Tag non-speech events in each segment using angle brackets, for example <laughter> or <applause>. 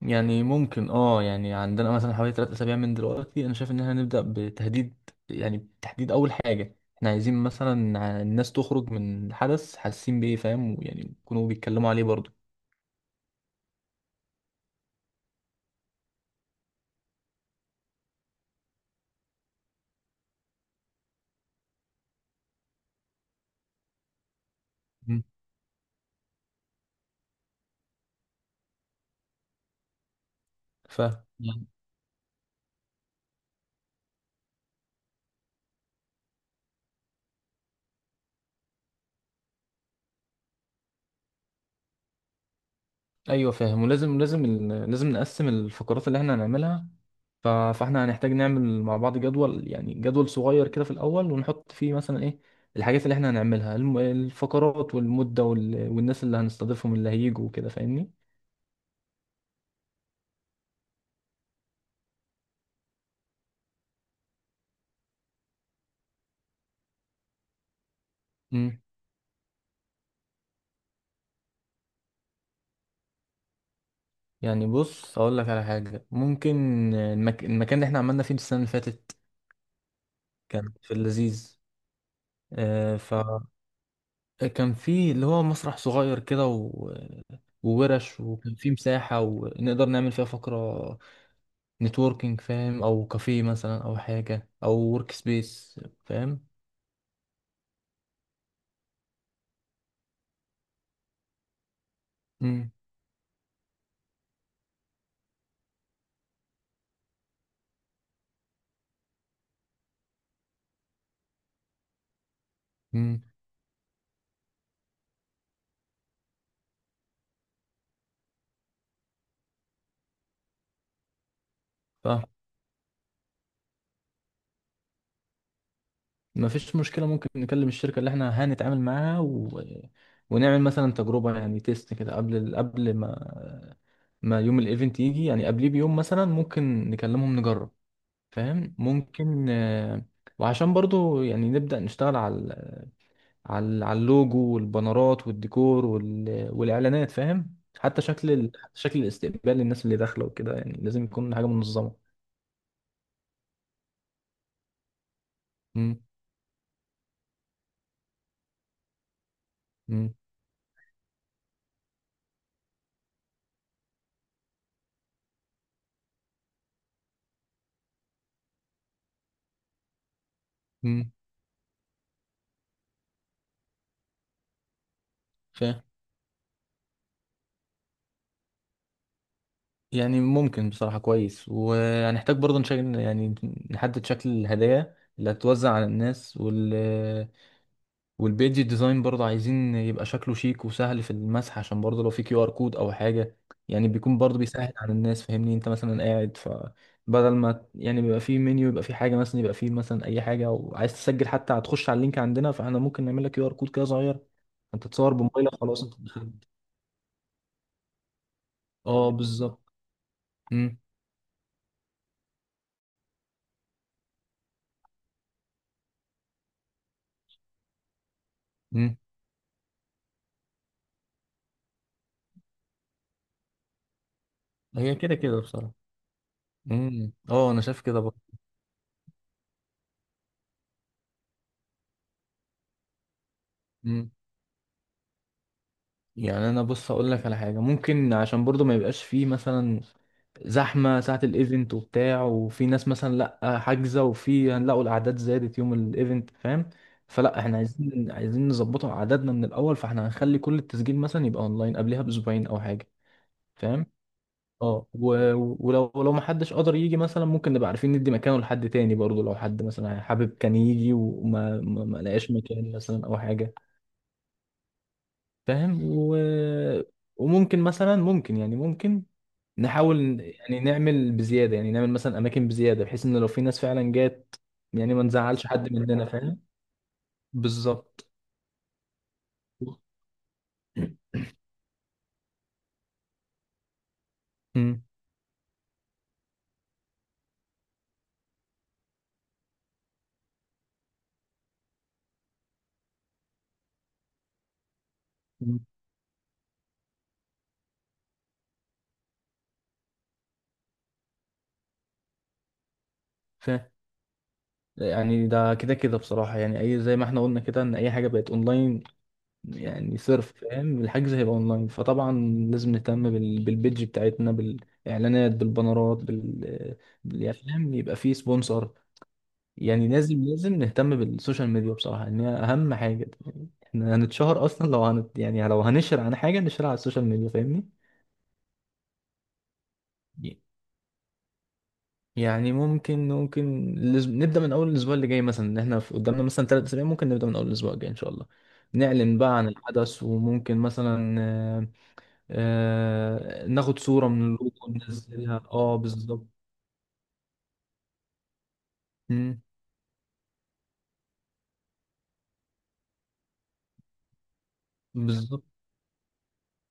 يعني ممكن يعني عندنا مثلا حوالي 3 اسابيع من دلوقتي، انا شايف ان احنا نبدا بتهديد يعني تحديد اول حاجه احنا عايزين مثلا الناس تخرج من الحدث حاسين بايه. فاهم، يعني يكونوا بيتكلموا عليه برضه. مم. ف يعني- ايوه فاهم، ولازم لازم ال- لازم نقسم الفقرات اللي احنا هنعملها. فاحنا هنحتاج نعمل مع بعض جدول، يعني جدول صغير كده في الاول، ونحط فيه مثلا ايه الحاجات اللي احنا هنعملها، الفقرات والمده والناس اللي هنستضيفهم اللي هيجوا وكده فاهمني. يعني بص اقول لك على حاجه ممكن. المكان اللي احنا عملنا فيه السنه اللي فاتت كان في اللذيذ. آه ف كان فيه اللي هو مسرح صغير كده وورش، وكان فيه مساحه ونقدر نعمل فيها فقره نتوركينج فاهم، او كافيه مثلا او حاجه او ورك سبيس فاهم. امم ما فيش مشكلة، ممكن نكلم الشركة اللي احنا هنتعامل معاها ونعمل مثلا تجربة، يعني تيست كده قبل ال... قبل ما ما يوم الايفنت يجي، يعني قبليه بيوم مثلا ممكن نكلمهم نجرب. فاهم ممكن. وعشان برضو يعني نبدأ نشتغل على اللوجو والبانرات والديكور والإعلانات، فاهم، حتى شكل شكل الاستقبال للناس اللي داخلة وكده، يعني لازم يكون حاجة منظمة. امم امم امم فاهم، يعني ممكن بصراحة كويس، وهنحتاج برضه نشكل، يعني نحدد شكل الهدايا اللي هتتوزع على الناس، والبيج ديزاين برضه عايزين يبقى شكله شيك وسهل في المسح، عشان برضه لو في QR code او حاجة، يعني بيكون برضه بيسهل على الناس فاهمني، انت مثلا قاعد فبدل ما يعني بيبقى في منيو يبقى في حاجة مثلا، يبقى في مثلا اي حاجة وعايز تسجل حتى هتخش على اللينك عندنا، فاحنا ممكن نعمل لك QR code كده صغير. انت تصور بموبايلك خلاص. <laughs> انت دخلت. اه بالظبط. امم امم هي كده كده بصراحة. اه انا شايف كده برضه. امم يعني انا بص اقول لك على حاجه ممكن، عشان برضه ما يبقاش فيه مثلا زحمه ساعه الايفنت وبتاع وفي ناس مثلا لا حاجزه، وفي هنلاقوا الاعداد زادت يوم الايفنت فاهم، فلا احنا عايزين نظبطه اعدادنا من الاول، فاحنا هنخلي كل التسجيل مثلا يبقى اونلاين قبلها باسبوعين او حاجه. فاهم. ولو ما حدش قدر يجي مثلا ممكن نبقى عارفين ندي مكانه لحد تاني برضه، لو حد مثلا حابب كان يجي وما ما ما لقاش مكان مثلا او حاجه. فاهم. و... وممكن مثلا ممكن يعني ممكن نحاول، يعني نعمل بزيادة، يعني نعمل مثلا أماكن بزيادة بحيث إن لو في ناس فعلا جات، يعني ما نزعلش حد مننا فاهم. بالظبط. أمم، أمم، فاهم، يعني ده كده كده بصراحة، يعني أي زي ما احنا قلنا كده إن أي حاجة بقت أونلاين، يعني صرف فاهم، الحجز هيبقى أونلاين فطبعا لازم نهتم بالبيدج بتاعتنا بالإعلانات بالبانرات يعني فاهم يبقى فيه سبونسر، يعني لازم نهتم بالسوشيال ميديا بصراحة ان هي اهم حاجة، يعني احنا هنتشهر اصلا، لو هنت يعني لو هنشر عن حاجة نشرها على السوشيال ميديا فاهمني. يعني ممكن نبدأ من اول الاسبوع اللي جاي مثلا، ان احنا قدامنا مثلا ثلاث اسابيع، ممكن نبدأ من اول الاسبوع الجاي ان شاء الله. نعلن بقى عن الحدث، وممكن مثلا ناخد صورة من اللوجو وننزلها. اه بالظبط. مم، بالظبط،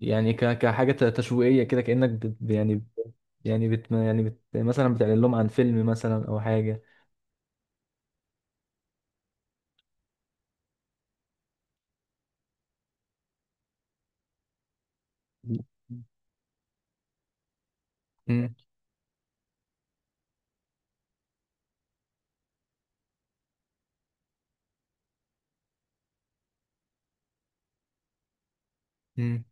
يعني كحاجة تشويقية كده، كأنك بت... يعني بت- يعني بت... يعني بت... مثلا بتعلن لهم عن فيلم مثلا أو حاجة. مم. مم.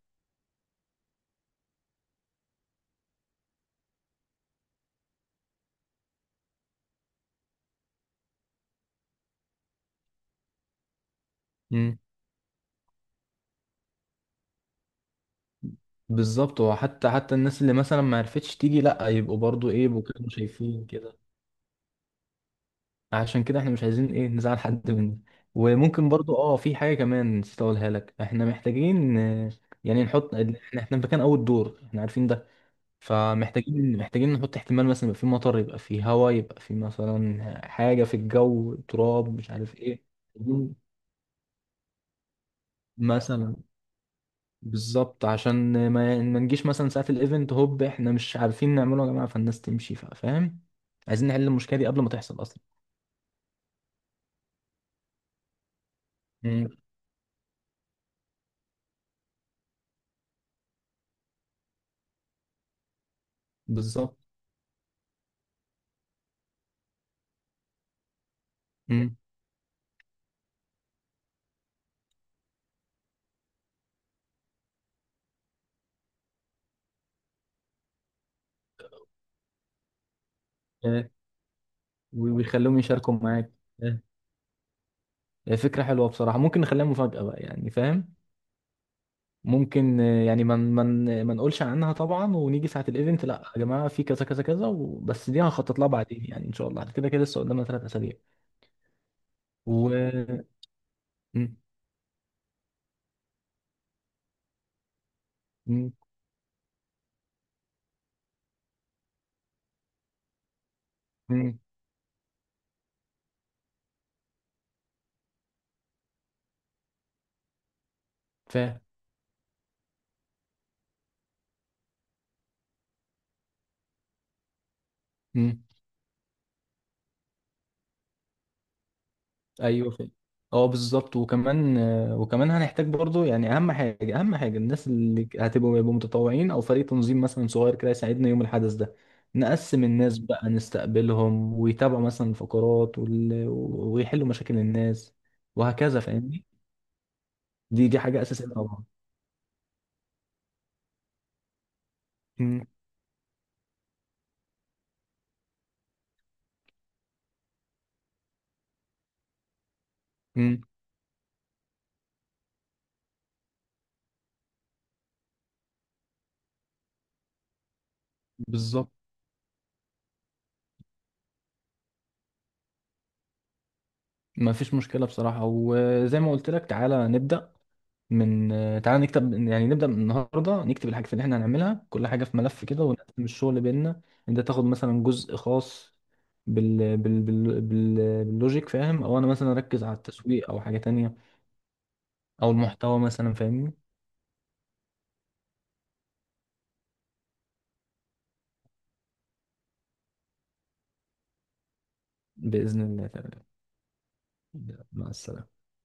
مم. بالظبط، وحتى الناس اللي مثلا ما عرفتش تيجي لا يبقوا برضو ايه يبقوا كانوا شايفين كده، عشان كده احنا مش عايزين ايه نزعل حد مننا. وممكن برضو في حاجة كمان نسيت اقولها لك، احنا محتاجين يعني نحط، احنا في مكان اول دور احنا عارفين ده. فمحتاجين نحط احتمال مثلا يبقى في مطر، يبقى في هواء، يبقى في مثلا حاجة في الجو تراب مش عارف ايه محتاجين مثلا. بالظبط، عشان ما نجيش مثلا ساعة الايفنت هوب احنا مش عارفين نعمله يا جماعة فالناس تمشي فاهم، عايزين نحل المشكلة دي قبل ما تحصل اصلا. مم. بالظبط. مم. آه، ويخلوهم يشاركوا معاك. آه، فكرة حلوة بصراحة، ممكن نخليها مفاجأة بقى يعني فاهم. ممكن آه، يعني ما من ما ما نقولش عنها طبعا، ونيجي ساعة الايفنت لا يا جماعة في كذا كذا كذا بس دي هخطط لها بعدين، يعني ان شاء الله كده كده لسه قدامنا 3 اسابيع. و م- م- م- ف م- ايوه. ف اه بالظبط، وكمان هنحتاج برضو يعني اهم حاجة اهم حاجة الناس اللي هتبقوا يبقوا متطوعين او فريق تنظيم مثلا صغير كده يساعدنا يوم الحدث ده. نقسم الناس بقى نستقبلهم ويتابعوا مثلا الفقرات ويحلوا مشاكل الناس وهكذا فاهمني. دي حاجة أساسية طبعا. مم. مم. بالظبط. ما فيش مشكلة بصراحة، وزي ما قلت لك من تعالى نكتب، يعني نبدأ من النهاردة نكتب الحاجات اللي احنا هنعملها كل حاجة في ملف كده، ونقسم الشغل بيننا. انت تاخد مثلا جزء خاص بال... بال... بال... بال... باللوجيك فاهم، او انا مثلا اركز على التسويق او حاجة تانية او المحتوى مثلا فاهمني. بإذن الله تعالى. مع السلامة.